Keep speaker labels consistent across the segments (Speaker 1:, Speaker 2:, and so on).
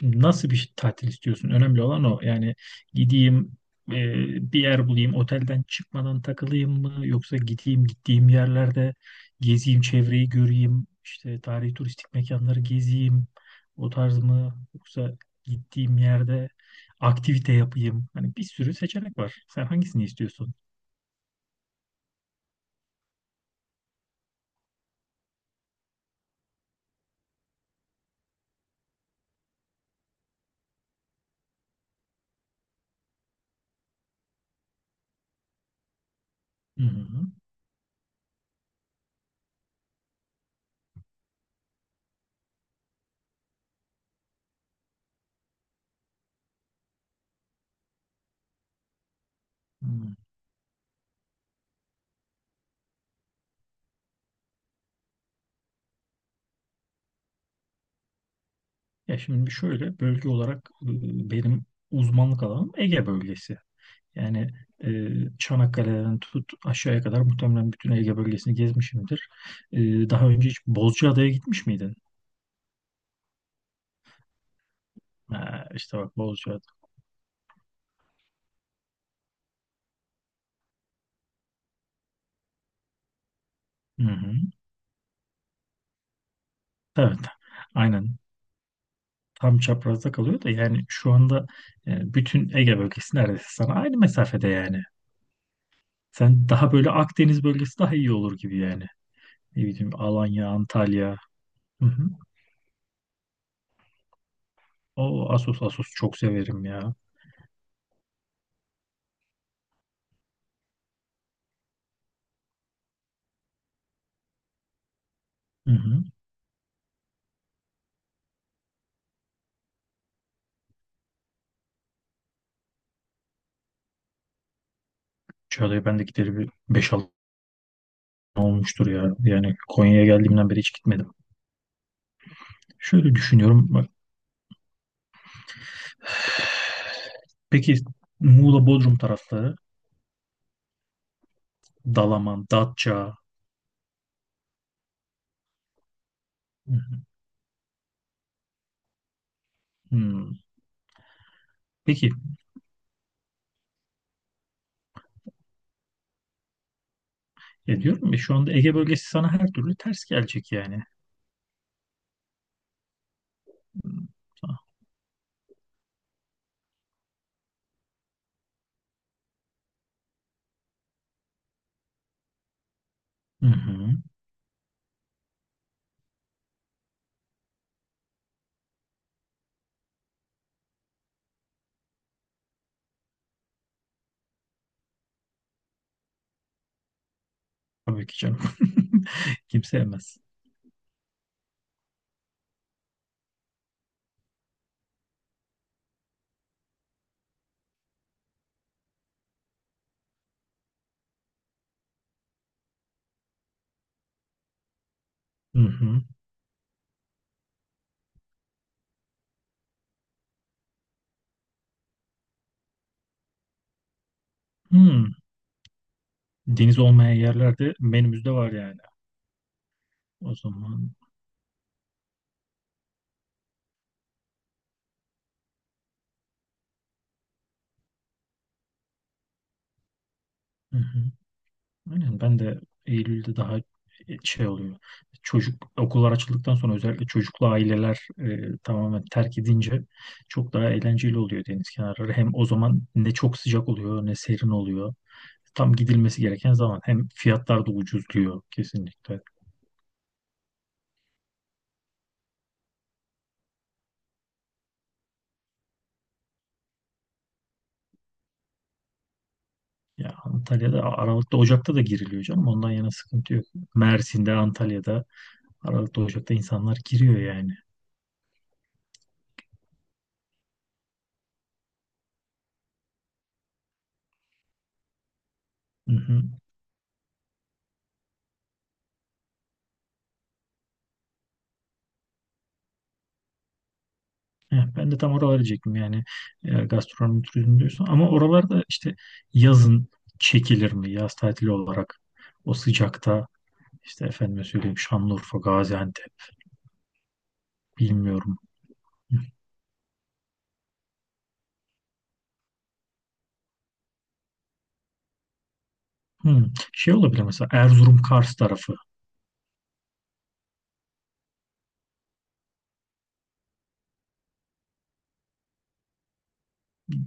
Speaker 1: Şimdi nasıl bir tatil istiyorsun? Önemli olan o. Yani gideyim e, bir yer bulayım, otelden çıkmadan takılayım mı? Yoksa gideyim gittiğim yerlerde gezeyim, çevreyi göreyim, işte tarihi turistik mekanları gezeyim. O tarz mı? Yoksa gittiğim yerde aktivite yapayım. Hani bir sürü seçenek var. Sen hangisini istiyorsun? Hı hı. Hı. Ya şimdi şöyle bölge olarak benim uzmanlık alanım Ege bölgesi. Yani e, Çanakkale'den tut aşağıya kadar muhtemelen bütün Ege bölgesini gezmişimdir. E, Daha önce hiç Bozcaada'ya gitmiş miydin? Ha, işte bak Bozcaada. Hı hı. Evet. Aynen. Tam çaprazda kalıyor da yani şu anda bütün Ege bölgesi neredeyse sana aynı mesafede yani. Sen daha böyle Akdeniz bölgesi daha iyi olur gibi yani. Ne bileyim Alanya, Antalya. Hı hı. O Assos, Assos çok severim ya. Hı hı. Çağla'ya ben de gideri bir 5-6 olmuştur ya. Yani Konya'ya geldiğimden beri hiç gitmedim. Şöyle düşünüyorum. Bak, peki Muğla, Bodrum tarafları, Dalaman, Datça. Hı hı. Hmm. Peki ya diyorum ya şu anda Ege bölgesi sana her türlü ters gelecek yani. Hmm. Hı hı. Tabii ki canım. Kimse yemez. Hı hı. Hmm. Deniz olmayan yerlerde menümüzde var yani. O zaman. Hı hı. Aynen ben de Eylül'de daha şey oluyor. Çocuk okullar açıldıktan sonra özellikle çocuklu aileler tamamen terk edince çok daha eğlenceli oluyor deniz kenarları. Hem o zaman ne çok sıcak oluyor ne serin oluyor. Tam gidilmesi gereken zaman, hem fiyatlar da ucuzluyor kesinlikle. Ya Antalya'da Aralık'ta, Ocak'ta da giriliyor canım. Ondan yana sıkıntı yok. Mersin'de, Antalya'da Aralık'ta, Ocak'ta insanlar giriyor yani. Hı hı. Heh, ben de tam oraları diyecektim yani gastronomi turizmi diyorsun. Ama oralarda işte yazın çekilir mi yaz tatili olarak o sıcakta, işte efendime söyleyeyim, Şanlıurfa, Gaziantep, bilmiyorum. Hmm. Şey olabilir mesela Erzurum, Kars tarafı.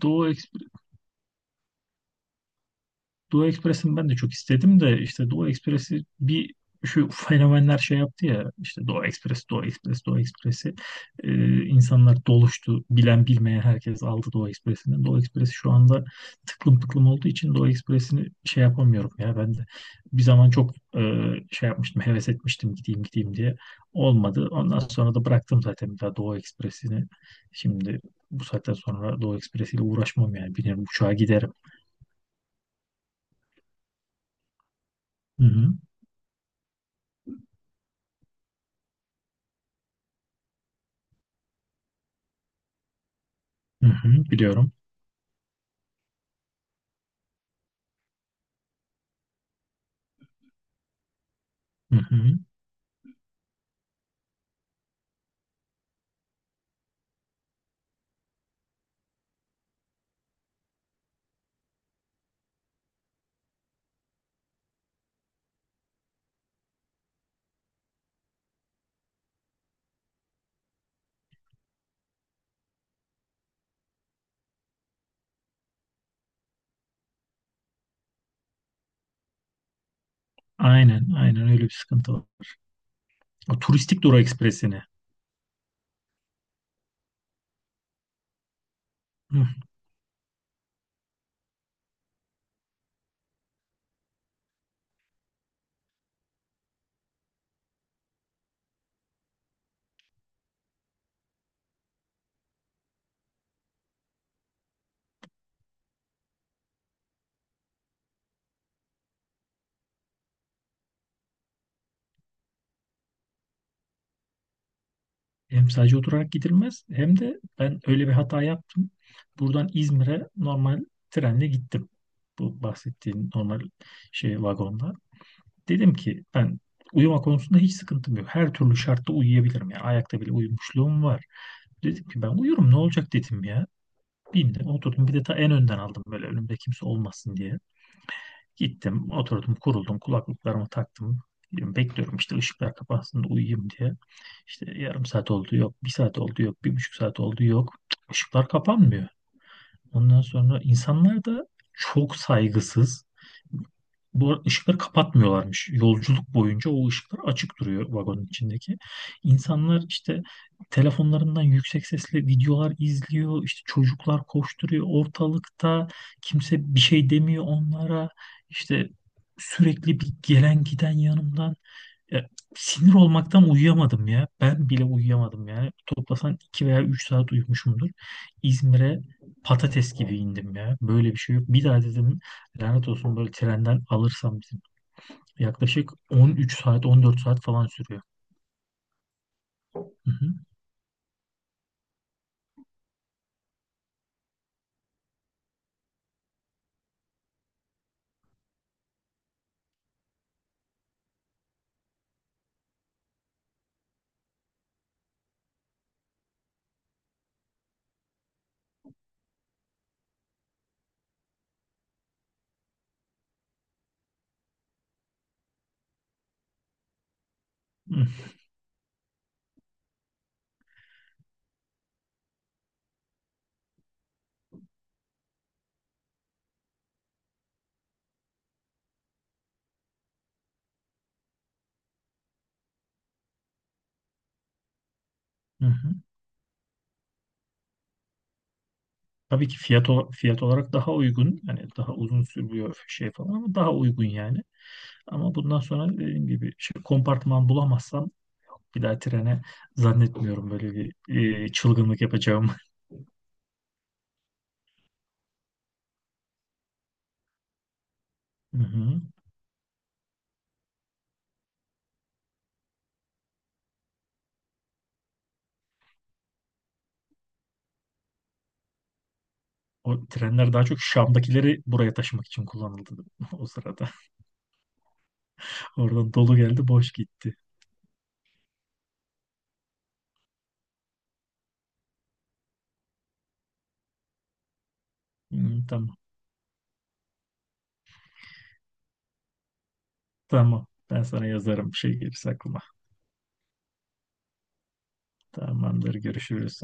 Speaker 1: Doğu Doğu Ekspres'ini ben de çok istedim de işte Doğu Ekspres'i bir, şu fenomenler şey yaptı ya, işte Doğu Ekspres, Doğu Ekspres, Doğu Ekspres'i. İnsanlar doluştu. Bilen bilmeyen herkes aldı Doğu Ekspres'ini. Doğu Ekspres'i şu anda tıklım tıklım olduğu için Doğu Ekspres'ini şey yapamıyorum ya ben de. Bir zaman çok şey yapmıştım, heves etmiştim gideyim gideyim diye. Olmadı. Ondan sonra da bıraktım zaten bir daha Doğu Ekspres'ini. Şimdi bu saatten sonra Doğu Ekspres'iyle uğraşmam yani. Binerim uçağa giderim. Hı hı. Hı hı, biliyorum. Hı hı. Aynen, aynen, öyle bir sıkıntı var. O turistik Dura Ekspresi'ni. Hı. Hem sadece oturarak gidilmez, hem de ben öyle bir hata yaptım. Buradan İzmir'e normal trenle gittim. Bu bahsettiğin normal şey vagonda. Dedim ki ben uyuma konusunda hiç sıkıntım yok. Her türlü şartta uyuyabilirim. Yani ayakta bile uyumuşluğum var. Dedim ki ben uyurum ne olacak dedim ya. Bilmiyorum, oturdum, bir de ta en önden aldım böyle önümde kimse olmasın diye. Gittim, oturdum, kuruldum, kulaklıklarımı taktım. Diyorum, bekliyorum işte ışıklar kapansın da uyuyayım diye. İşte 0,5 saat oldu yok, bir saat oldu yok, 1,5 saat oldu yok. Cık, Işıklar kapanmıyor. Ondan sonra insanlar da çok saygısız. Bu arada ışıkları kapatmıyorlarmış. Yolculuk boyunca o ışıklar açık duruyor vagonun içindeki. İnsanlar işte telefonlarından yüksek sesle videolar izliyor. İşte çocuklar koşturuyor ortalıkta. Kimse bir şey demiyor onlara. İşte sürekli bir gelen giden yanımdan. Ya, sinir olmaktan uyuyamadım ya. Ben bile uyuyamadım yani. Toplasan 2 veya 3 saat uyumuşumdur. İzmir'e patates gibi indim ya. Böyle bir şey yok. Bir daha dedim lanet olsun böyle trenden alırsam bizim. Yaklaşık 13 saat, 14 saat falan sürüyor. Hı hı. Hı hı. Hı. Tabii ki fiyat, fiyat olarak daha uygun. Yani daha uzun sürüyor şey falan ama daha uygun yani. Ama bundan sonra dediğim gibi şey, kompartman bulamazsam bir daha trene zannetmiyorum böyle bir çılgınlık yapacağımı. Hı hı. O trenler daha çok Şam'dakileri buraya taşımak için kullanıldı o sırada. Oradan dolu geldi, boş gitti. Hı, tamam. Tamam. Ben sana yazarım bir şey gelirse aklıma. Tamamdır. Görüşürüz.